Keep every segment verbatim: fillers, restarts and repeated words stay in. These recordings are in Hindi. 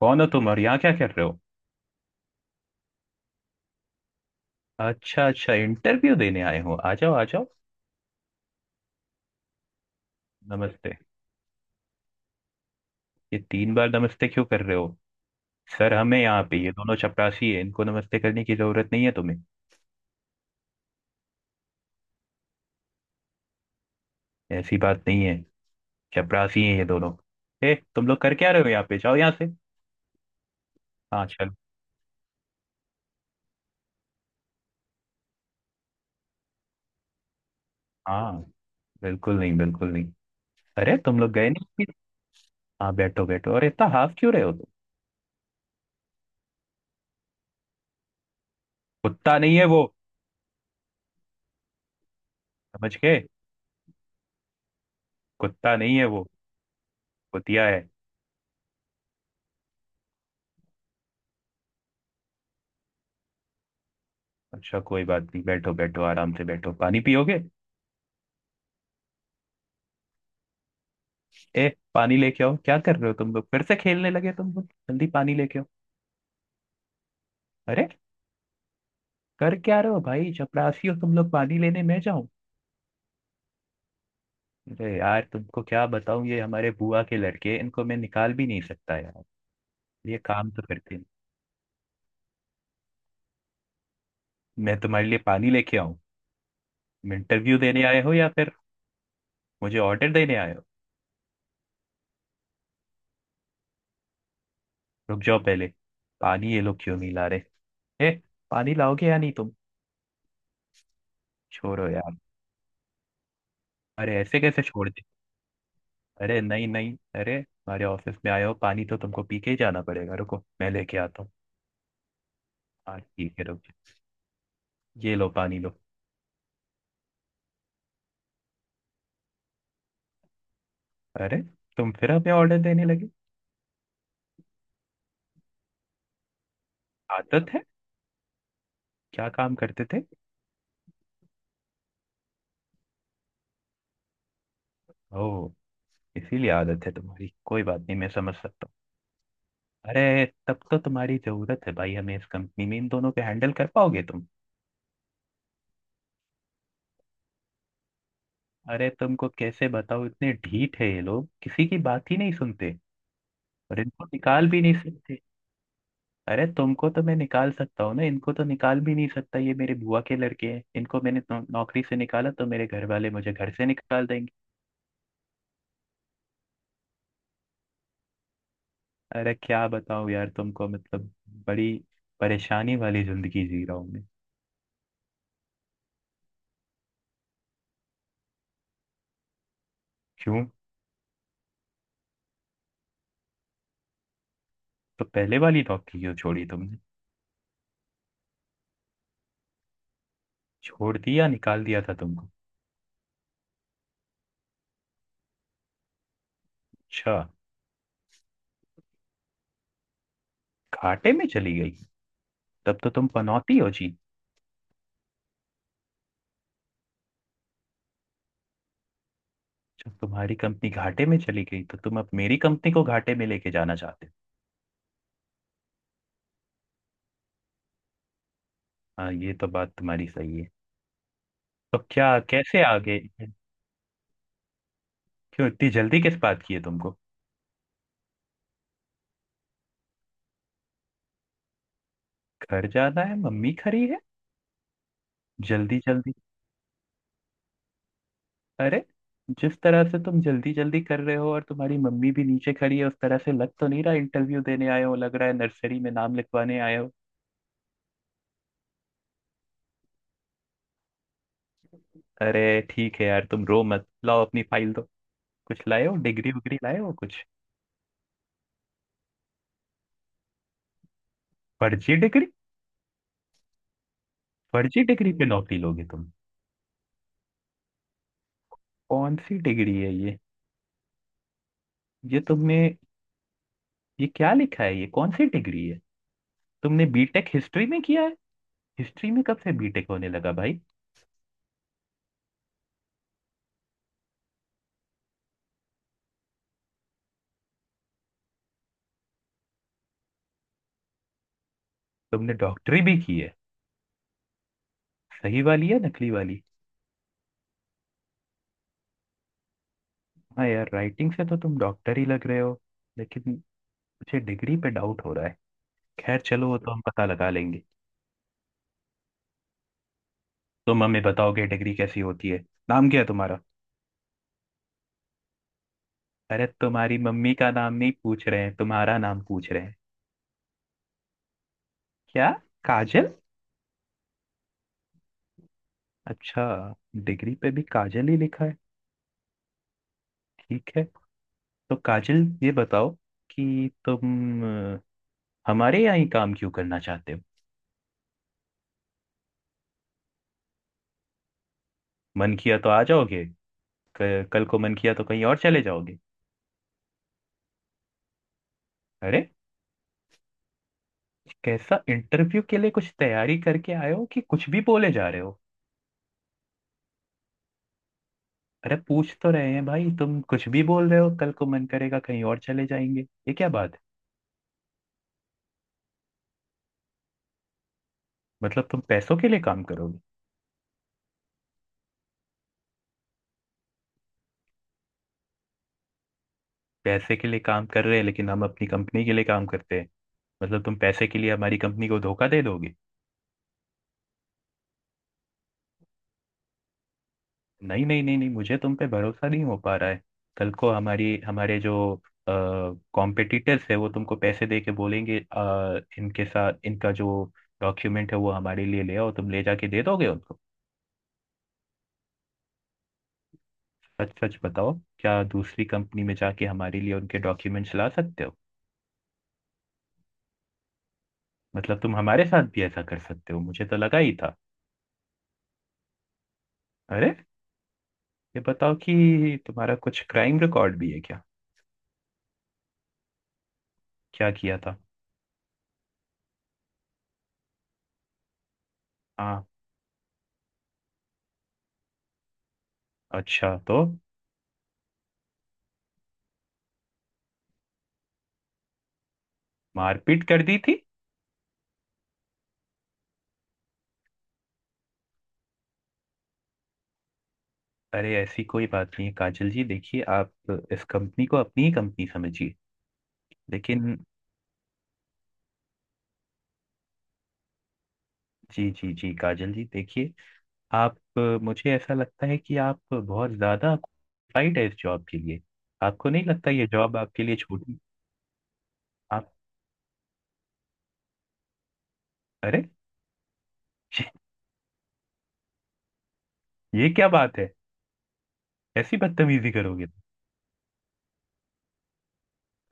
कौन हो तुम और यहाँ क्या कर रहे हो? अच्छा अच्छा इंटरव्यू देने आए हो, आ जाओ आ जाओ। नमस्ते। ये तीन बार नमस्ते क्यों कर रहे हो? सर हमें यहाँ पे ये दोनों चपरासी है, इनको नमस्ते करने की जरूरत नहीं है तुम्हें। ऐसी बात नहीं है। चपरासी हैं ये दोनों। ए तुम लोग कर क्या रहे हो यहाँ पे, जाओ यहाँ से। हाँ चलो। हाँ, बिल्कुल नहीं बिल्कुल नहीं। अरे तुम लोग गए नहीं? हाँ बैठो बैठो, अरे इतना हाफ क्यों रहे हो तुम? कुत्ता नहीं है वो। समझ गए? कुत्ता नहीं है वो, कुतिया है। अच्छा कोई बात नहीं, बैठो बैठो, आराम से बैठो। पानी पियोगे? ए, पानी लेके आओ, क्या कर रहे हो तुम लोग, फिर से खेलने लगे तुम लोग, जल्दी पानी लेके आओ। अरे, कर क्या रहे हो भाई, चपरासी हो तुम लोग, पानी लेने मैं जाऊं? अरे यार तुमको क्या बताऊं, ये हमारे बुआ के लड़के हैं, इनको मैं निकाल भी नहीं सकता यार। ये काम तो करते हैं, मैं तुम्हारे लिए पानी लेके आऊं? इंटरव्यू देने आए हो या फिर मुझे ऑर्डर देने आए हो? रुक जाओ पहले। पानी ये लोग क्यों नहीं ला रहे? ए, पानी लाओगे या नहीं तुम? छोड़ो यार। अरे ऐसे कैसे छोड़ दे, अरे नहीं नहीं, अरे हमारे ऑफिस में आए हो, पानी तो तुमको पी के ही जाना पड़ेगा, रुको मैं लेके आता हूँ। हाँ ठीक है रुको। ये लो, पानी लो। अरे तुम फिर हमें ऑर्डर देने लगे। आदत है? क्या काम करते थे? ओह, इसीलिए आदत है तुम्हारी, कोई बात नहीं, मैं समझ सकता हूँ। अरे तब तो तुम्हारी जरूरत है भाई हमें इस कंपनी में, इन दोनों को हैंडल कर पाओगे तुम? अरे तुमको कैसे बताओ, इतने ढीठ है ये लोग, किसी की बात ही नहीं सुनते। और इनको निकाल भी नहीं सकते। अरे तुमको तो मैं निकाल सकता हूँ ना, इनको तो निकाल भी नहीं सकता, ये मेरे बुआ के लड़के हैं, इनको मैंने नौ, नौकरी से निकाला तो मेरे घर वाले मुझे घर से निकाल देंगे। अरे क्या बताऊँ यार तुमको, मतलब बड़ी परेशानी वाली जिंदगी जी रहा हूँ मैं। क्यों? तो पहले वाली नौकरी क्यों छोड़ी तुमने? छोड़ दी या निकाल दिया था तुमको? अच्छा। घाटे में चली गई? तब तो तुम पनौती हो जी। जब तुम्हारी कंपनी घाटे में चली गई तो तुम अब मेरी कंपनी को घाटे में लेके जाना चाहते हो? हाँ ये तो बात तुम्हारी सही है। तो क्या कैसे आगे, क्यों इतनी जल्दी किस बात की है तुमको? घर जाना है, मम्मी खड़ी है? जल्दी जल्दी, अरे जिस तरह से तुम जल्दी जल्दी कर रहे हो और तुम्हारी मम्मी भी नीचे खड़ी है, उस तरह से लग तो नहीं रहा इंटरव्यू देने आए हो, लग रहा है नर्सरी में नाम लिखवाने आए हो। अरे ठीक है यार, तुम रो मत, लाओ अपनी फाइल दो, कुछ लाए हो, डिग्री उग्री लाए हो कुछ? फर्जी डिग्री? फर्जी डिग्री पे नौकरी लोगे तुम? कौन सी डिग्री है ये ये तुमने, ये क्या लिखा है, ये कौन सी डिग्री है? तुमने बीटेक हिस्ट्री में किया है? हिस्ट्री में कब से बीटेक होने लगा भाई? तुमने डॉक्टरी भी की है? सही वाली या नकली वाली? हाँ यार, राइटिंग से तो तुम डॉक्टर ही लग रहे हो, लेकिन मुझे डिग्री पे डाउट हो रहा है। खैर चलो, वो तो हम पता लगा लेंगे। तुम हमें बताओगे डिग्री कैसी होती है? नाम क्या है तुम्हारा? अरे तुम्हारी मम्मी का नाम नहीं पूछ रहे हैं, तुम्हारा नाम पूछ रहे हैं। क्या, काजल? अच्छा, डिग्री पे भी काजल ही लिखा है। ठीक है। तो काजल ये बताओ कि तुम अ, हमारे यहाँ ही काम क्यों करना चाहते हो? मन किया तो आ जाओगे, क- कल को मन किया तो कहीं और चले जाओगे? अरे कैसा, इंटरव्यू के लिए कुछ तैयारी करके आए हो कि कुछ भी बोले जा रहे हो? अरे पूछ तो रहे हैं भाई, तुम कुछ भी बोल रहे हो, कल को मन करेगा कहीं और चले जाएंगे, ये क्या बात है? मतलब तुम पैसों के लिए काम करोगे? पैसे के लिए काम कर रहे हैं लेकिन हम अपनी कंपनी के लिए काम करते हैं, मतलब तुम पैसे के लिए हमारी कंपनी को धोखा दे दोगे? नहीं नहीं नहीं नहीं, मुझे तुम पे भरोसा नहीं हो पा रहा है। कल को हमारी हमारे जो कॉम्पिटिटर्स है वो तुमको पैसे दे के बोलेंगे अ, इनके साथ इनका जो डॉक्यूमेंट है वो हमारे लिए ले आओ, तुम ले जाके दे दोगे उनको? सच सच बताओ, क्या दूसरी कंपनी में जाके हमारे लिए उनके डॉक्यूमेंट्स ला सकते हो? मतलब तुम हमारे साथ भी ऐसा कर सकते हो, मुझे तो लगा ही था। अरे ये बताओ कि तुम्हारा कुछ क्राइम रिकॉर्ड भी है क्या? क्या किया था? हाँ। अच्छा तो? मारपीट कर दी थी? अरे ऐसी कोई बात नहीं है काजल जी, देखिए आप इस कंपनी को अपनी ही कंपनी समझिए। लेकिन, जी जी जी काजल जी, देखिए आप, मुझे ऐसा लगता है कि आप बहुत ज़्यादा क्वालिफाइड है इस जॉब के लिए, आपको नहीं लगता ये जॉब आपके लिए छोटी? आप, अरे ये क्या बात है? ऐसी बदतमीजी करोगे तो?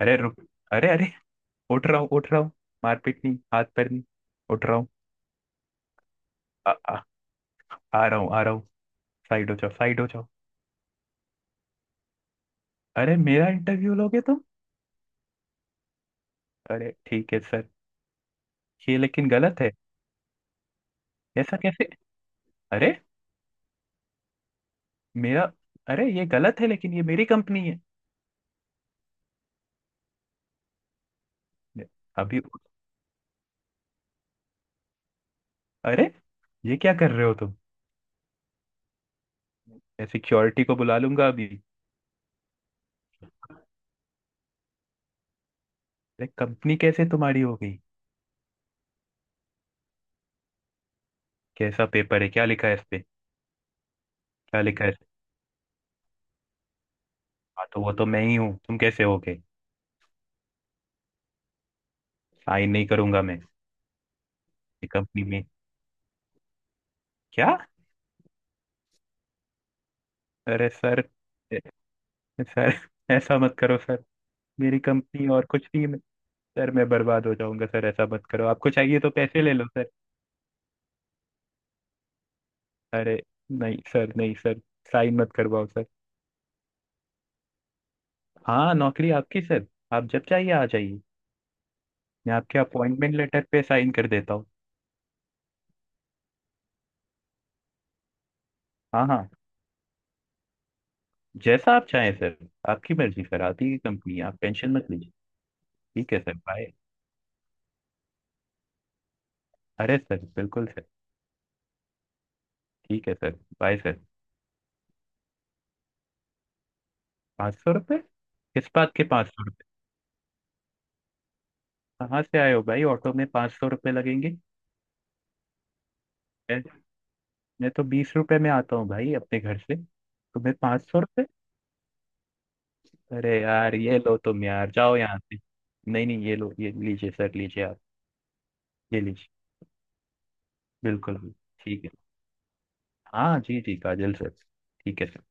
अरे रुक, अरे अरे, उठ रहा हूँ उठ रहा हूँ, मारपीट नहीं, हाथ पैर नहीं, उठ रहा हूँ। आ, आ, आ रहा हूँ आ रहा हूँ, साइड हो जाओ साइड हो जाओ। अरे मेरा इंटरव्यू लोगे तुम? अरे ठीक है सर। ये लेकिन गलत है, ऐसा कैसे? अरे मेरा, अरे ये गलत है लेकिन ये मेरी कंपनी है। अभी, अरे ये क्या कर रहे हो तुम? मैं सिक्योरिटी को बुला लूंगा अभी। अरे कंपनी कैसे तुम्हारी हो गई? कैसा पेपर है, क्या लिखा है इस पे? क्या लिखा है इस पे? हाँ तो वो तो मैं ही हूँ, तुम कैसे हो गए? साइन नहीं करूंगा मैं। ये कंपनी में, क्या? अरे सर, ए- सर, ऐसा मत करो सर, मेरी कंपनी और कुछ नहीं है सर, मैं बर्बाद हो जाऊंगा सर, ऐसा मत करो, आपको चाहिए तो पैसे ले लो सर। अरे नहीं सर नहीं सर, साइन मत करवाओ सर। हाँ नौकरी आपकी सर, आप जब चाहिए आ जाइए। मैं आपके अपॉइंटमेंट लेटर पे साइन कर देता हूँ। हाँ हाँ, जैसा आप चाहें सर, आपकी मर्जी सर, आती है कंपनी आप, टेंशन मत लीजिए। ठीक है सर, बाय। अरे सर बिल्कुल सर। ठीक है सर। Bye sir. पाँच सौ रुपये, किस बात के पाँच सौ रुपये? कहाँ से आए हो भाई, ऑटो में पाँच सौ रुपये लगेंगे? मैं, मैं तो बीस रुपये में आता हूँ भाई अपने घर से, तुम्हें पाँच सौ? अरे यार ये लो तुम, यार जाओ यहाँ से। नहीं नहीं ये लो, ये लीजिए सर, लीजिए आप, ये लीजिए। बिल्कुल बिल्कुल। ठीक है। हाँ जी जी काजल सर, ठीक है सर।